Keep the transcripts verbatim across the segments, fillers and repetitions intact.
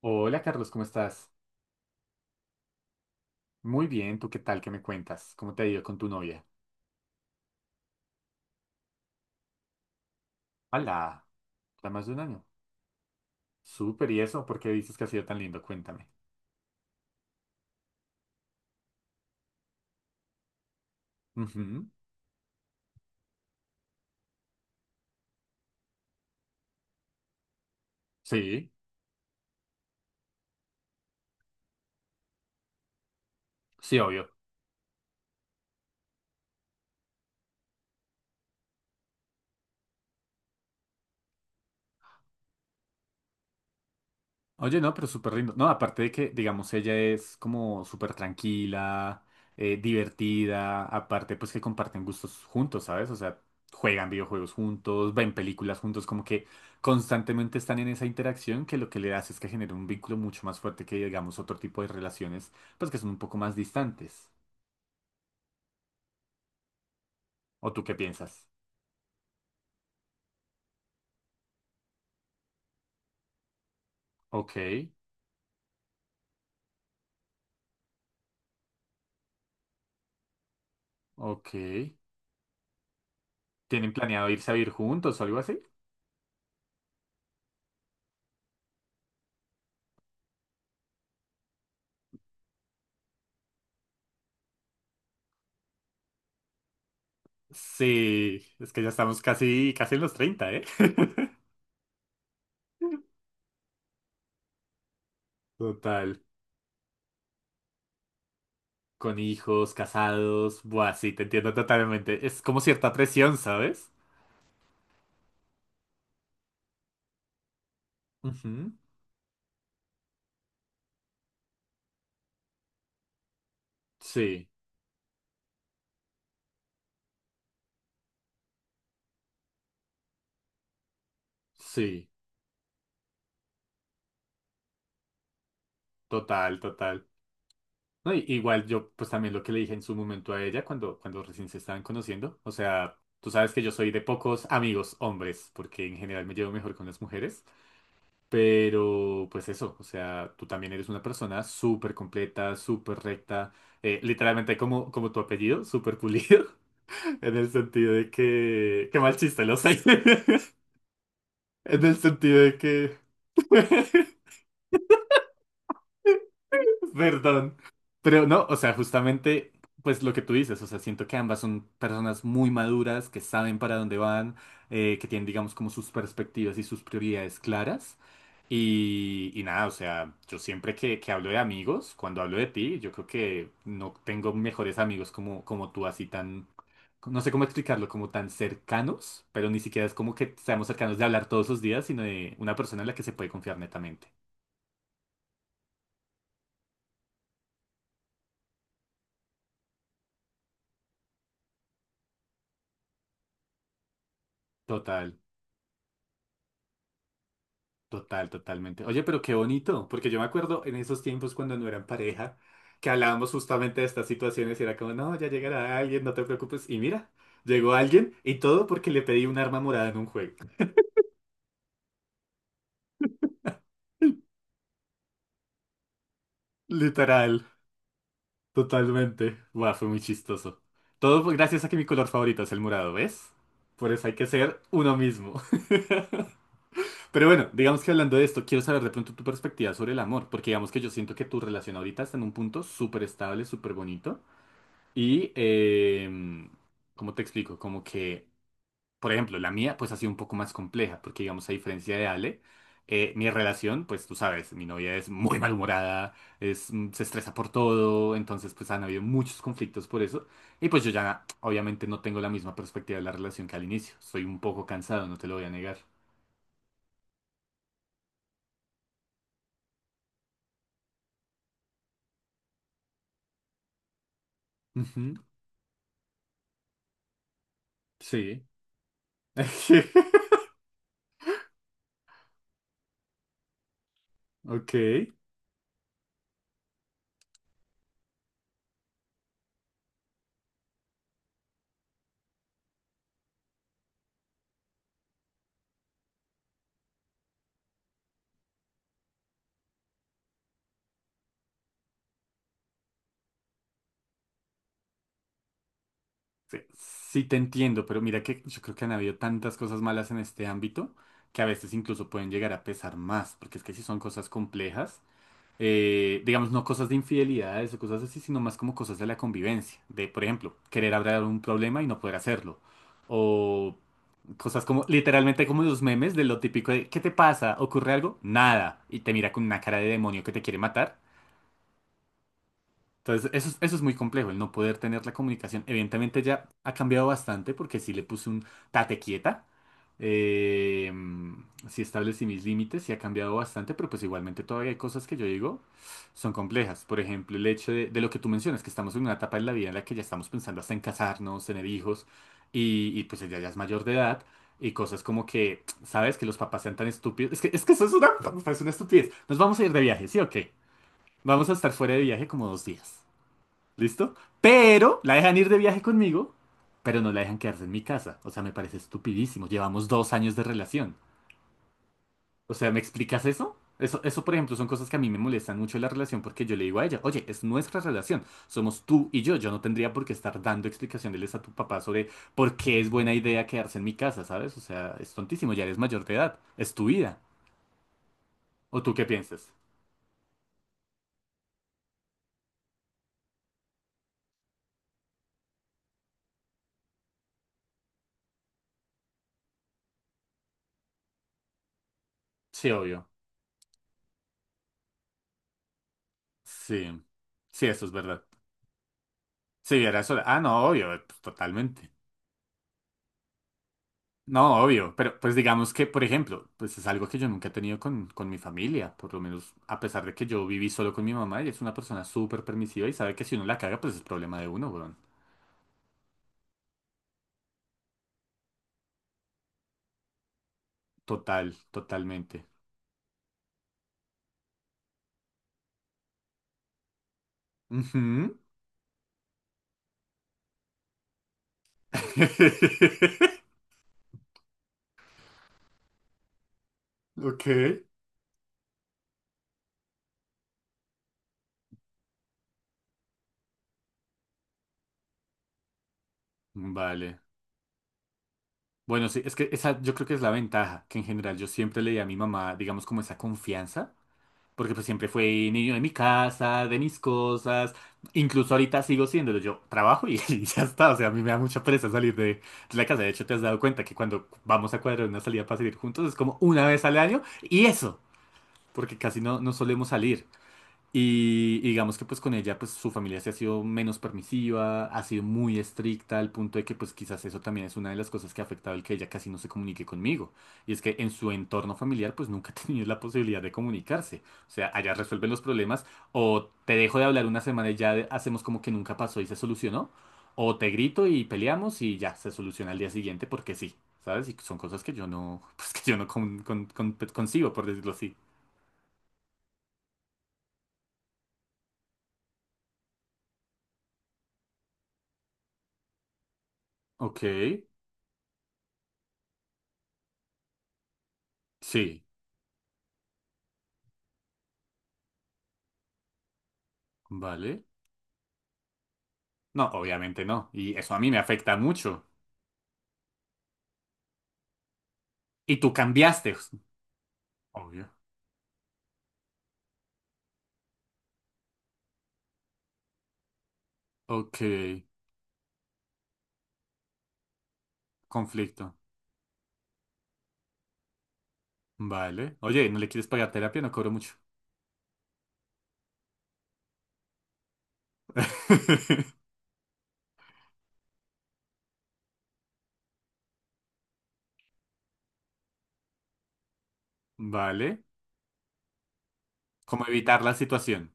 Hola Carlos, ¿cómo estás? Muy bien, ¿tú qué tal? ¿Qué me cuentas? ¿Cómo te ha ido con tu novia? Hola, ¿ya más de un año? Súper, ¿y eso? ¿Por qué dices que ha sido tan lindo? Cuéntame. Ujú. Sí, sí, obvio. Oye, no, pero súper lindo. No, aparte de que, digamos, ella es como súper tranquila, eh, divertida, aparte pues que comparten gustos juntos, ¿sabes? O sea, juegan videojuegos juntos, ven películas juntos, como que constantemente están en esa interacción que lo que le hace es que genera un vínculo mucho más fuerte que, digamos, otro tipo de relaciones, pues que son un poco más distantes. ¿O tú qué piensas? Ok, ok. ¿Tienen planeado irse a vivir juntos o algo así? Sí, es que ya estamos casi, casi en los treinta, ¿eh? Total. Con hijos, casados. Buah, sí, te entiendo totalmente. Es como cierta presión, ¿sabes? Ujú. Sí, sí, total, total. No, y- igual yo, pues también lo que le dije en su momento a ella cuando, cuando recién se estaban conociendo. O sea, tú sabes que yo soy de pocos amigos hombres, porque en general me llevo mejor con las mujeres. Pero, pues eso, o sea, tú también eres una persona súper completa, súper recta. Eh, literalmente como, como tu apellido, súper pulido. En el sentido de que... Qué mal chiste, lo sé. En el sentido de que... Perdón. Pero no, o sea, justamente, pues lo que tú dices, o sea, siento que ambas son personas muy maduras, que saben para dónde van, eh, que tienen, digamos, como sus perspectivas y sus prioridades claras. Y, y nada, o sea, yo siempre que, que hablo de amigos, cuando hablo de ti, yo creo que no tengo mejores amigos como, como tú, así tan, no sé cómo explicarlo, como tan cercanos, pero ni siquiera es como que seamos cercanos de hablar todos los días, sino de una persona en la que se puede confiar netamente. Total. Total, totalmente. Oye, pero qué bonito, porque yo me acuerdo en esos tiempos cuando no eran pareja, que hablábamos justamente de estas situaciones y era como, no, ya llegará alguien, no te preocupes. Y mira, llegó alguien y todo porque le pedí un arma morada en un juego. Literal, totalmente. Buah, fue muy chistoso. Todo fue gracias a que mi color favorito es el morado, ¿ves? Por eso hay que ser uno mismo. Pero bueno, digamos que hablando de esto, quiero saber de pronto tu perspectiva sobre el amor, porque digamos que yo siento que tu relación ahorita está en un punto súper estable, súper bonito. Y, eh, ¿Cómo te explico? Como que, por ejemplo, la mía pues ha sido un poco más compleja, porque digamos, a diferencia de Ale, eh, mi relación, pues tú sabes, mi novia es muy malhumorada, es, mm, se estresa por todo, entonces pues han habido muchos conflictos por eso. Y pues yo ya obviamente no tengo la misma perspectiva de la relación que al inicio, soy un poco cansado, no te lo voy a negar. Ujú. Sí. Ok. Sí, sí te entiendo, pero mira que yo creo que han habido tantas cosas malas en este ámbito que a veces incluso pueden llegar a pesar más, porque es que si son cosas complejas, eh, digamos, no cosas de infidelidades o cosas así, sino más como cosas de la convivencia, de, por ejemplo, querer hablar un problema y no poder hacerlo, o cosas como, literalmente como los memes de lo típico de, ¿qué te pasa? ¿Ocurre algo? Nada, y te mira con una cara de demonio que te quiere matar. Entonces, eso, es- eso es muy complejo, el no poder tener la comunicación. Evidentemente ya ha cambiado bastante porque sí le puse un tate quieta, eh, sí establecí mis límites, sí ha cambiado bastante, pero pues igualmente todavía hay cosas que yo digo son complejas. Por ejemplo, el hecho de, de lo que tú mencionas, que estamos en una etapa en la vida en la que ya estamos pensando hasta en casarnos, tener hijos, y, y pues ella ya es mayor de edad. Y cosas como que, ¿sabes? Que los papás sean tan estúpidos. Es que, es que eso es una, es una estupidez. Nos vamos a ir de viaje, ¿sí o qué? Vamos a estar fuera de viaje como dos días. ¿Listo? Pero la dejan ir de viaje conmigo, pero no la dejan quedarse en mi casa. O sea, me parece estupidísimo. Llevamos dos años de relación. O sea, ¿me explicas eso? Eso, eso, por ejemplo, son cosas que a mí me molestan mucho de la relación porque yo le digo a ella, oye, es nuestra relación, somos tú y yo, yo no tendría por qué estar dando explicaciones a tu papá sobre por qué es buena idea quedarse en mi casa, ¿sabes? O sea, es tontísimo, ya eres mayor de edad, es tu vida. ¿O tú qué piensas? Sí, obvio. Sí, sí, eso es verdad. Sí, era eso. Ah, no, obvio, eh, pues, totalmente. No, obvio, pero pues digamos que, por ejemplo, pues es algo que yo nunca he tenido con, con mi familia, por lo menos a pesar de que yo viví solo con mi mamá, ella es una persona súper permisiva y sabe que si uno la caga, pues es problema de uno, weón. Total, totalmente. Ujú. Ok. Vale. Bueno, sí, es que esa yo creo que es la ventaja, que en general yo siempre le di a mi mamá, digamos, como esa confianza. Porque pues siempre fui niño de mi casa, de mis cosas. Incluso ahorita sigo siéndolo. Yo trabajo y, y ya está. O sea, a mí me da mucha pereza salir de, de la casa. De hecho, te has dado cuenta que cuando vamos a cuadrar una salida para salir juntos es como una vez al año. Y eso, porque casi no, no solemos salir. Y, y digamos que pues con ella pues su familia se ha sido menos permisiva, ha sido muy estricta al punto de que pues quizás eso también es una de las cosas que ha afectado el que ella casi no se comunique conmigo. Y es que en su entorno familiar pues nunca ha tenido la posibilidad de comunicarse. O sea, allá resuelven los problemas o te dejo de hablar una semana y ya de- hacemos como que nunca pasó y se solucionó. O te grito y peleamos y ya se soluciona al día siguiente porque sí, ¿sabes? Y son cosas que yo no, pues que yo no con- con- con- concibo, por decirlo así. Ok, sí, vale. No, obviamente no. Y eso a mí me afecta mucho. Y tú cambiaste. Obvio. Ok. Conflicto. Vale. Oye, ¿no le quieres pagar terapia? No cobro mucho. Vale. ¿Cómo evitar la situación?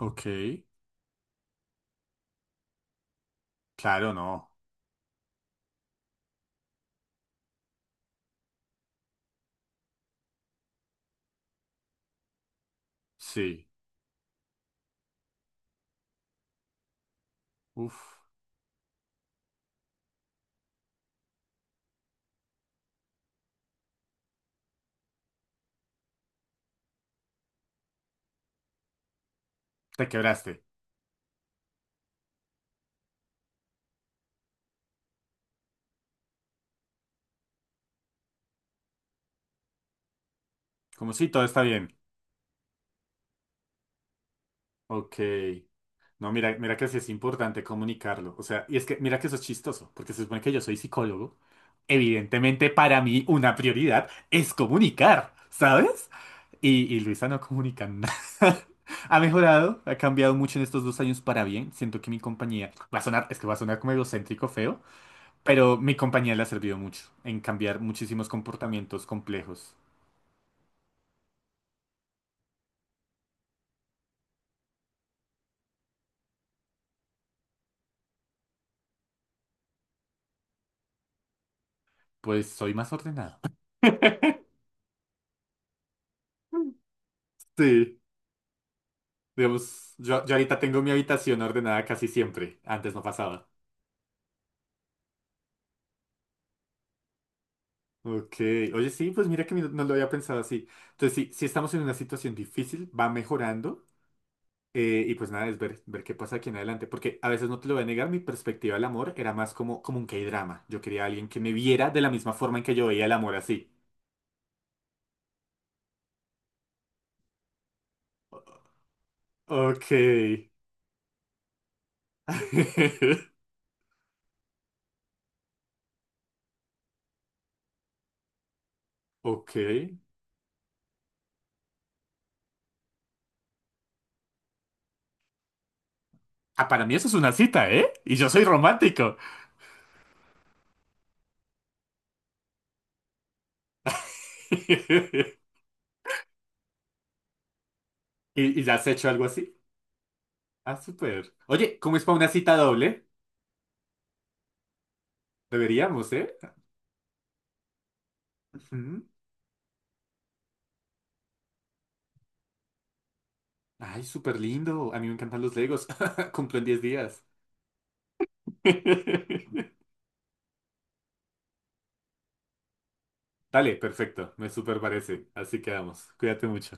Ok. Claro, no. Sí. Uf. Te quebraste. Como si todo está bien. Ok. No, mira, mira que sí es importante comunicarlo. O sea, y es que mira que eso es chistoso, porque se supone que yo soy psicólogo. Evidentemente, para mí, una prioridad es comunicar, ¿sabes? Y, y Luisa no comunica nada. Ha mejorado, ha cambiado mucho en estos dos años para bien. Siento que mi compañía va a sonar, es que va a sonar como egocéntrico feo, pero mi compañía le ha servido mucho en cambiar muchísimos comportamientos complejos. Pues soy más ordenado. Sí. Digamos, yo, yo ahorita tengo mi habitación ordenada casi siempre. Antes no pasaba. Ok. Oye, sí, pues mira que mi- no lo había pensado así. Entonces, sí, sí estamos en una situación difícil, va mejorando. Eh, y pues nada, es ver, ver qué pasa aquí en adelante. Porque a veces no te lo voy a negar, mi perspectiva del amor era más como, como un K-drama. Yo quería a alguien que me viera de la misma forma en que yo veía el amor así. Ok. Ok. Ah, para mí eso es una cita, ¿eh? Y yo soy romántico. ¿Y, y ya has hecho algo así? Ah, súper. Oye, ¿cómo es para una cita doble? Deberíamos, ¿eh? Ujú. Ay, súper lindo. A mí me encantan los Legos. Cumplo en diez días. Dale, perfecto. Me súper parece. Así quedamos. Cuídate mucho.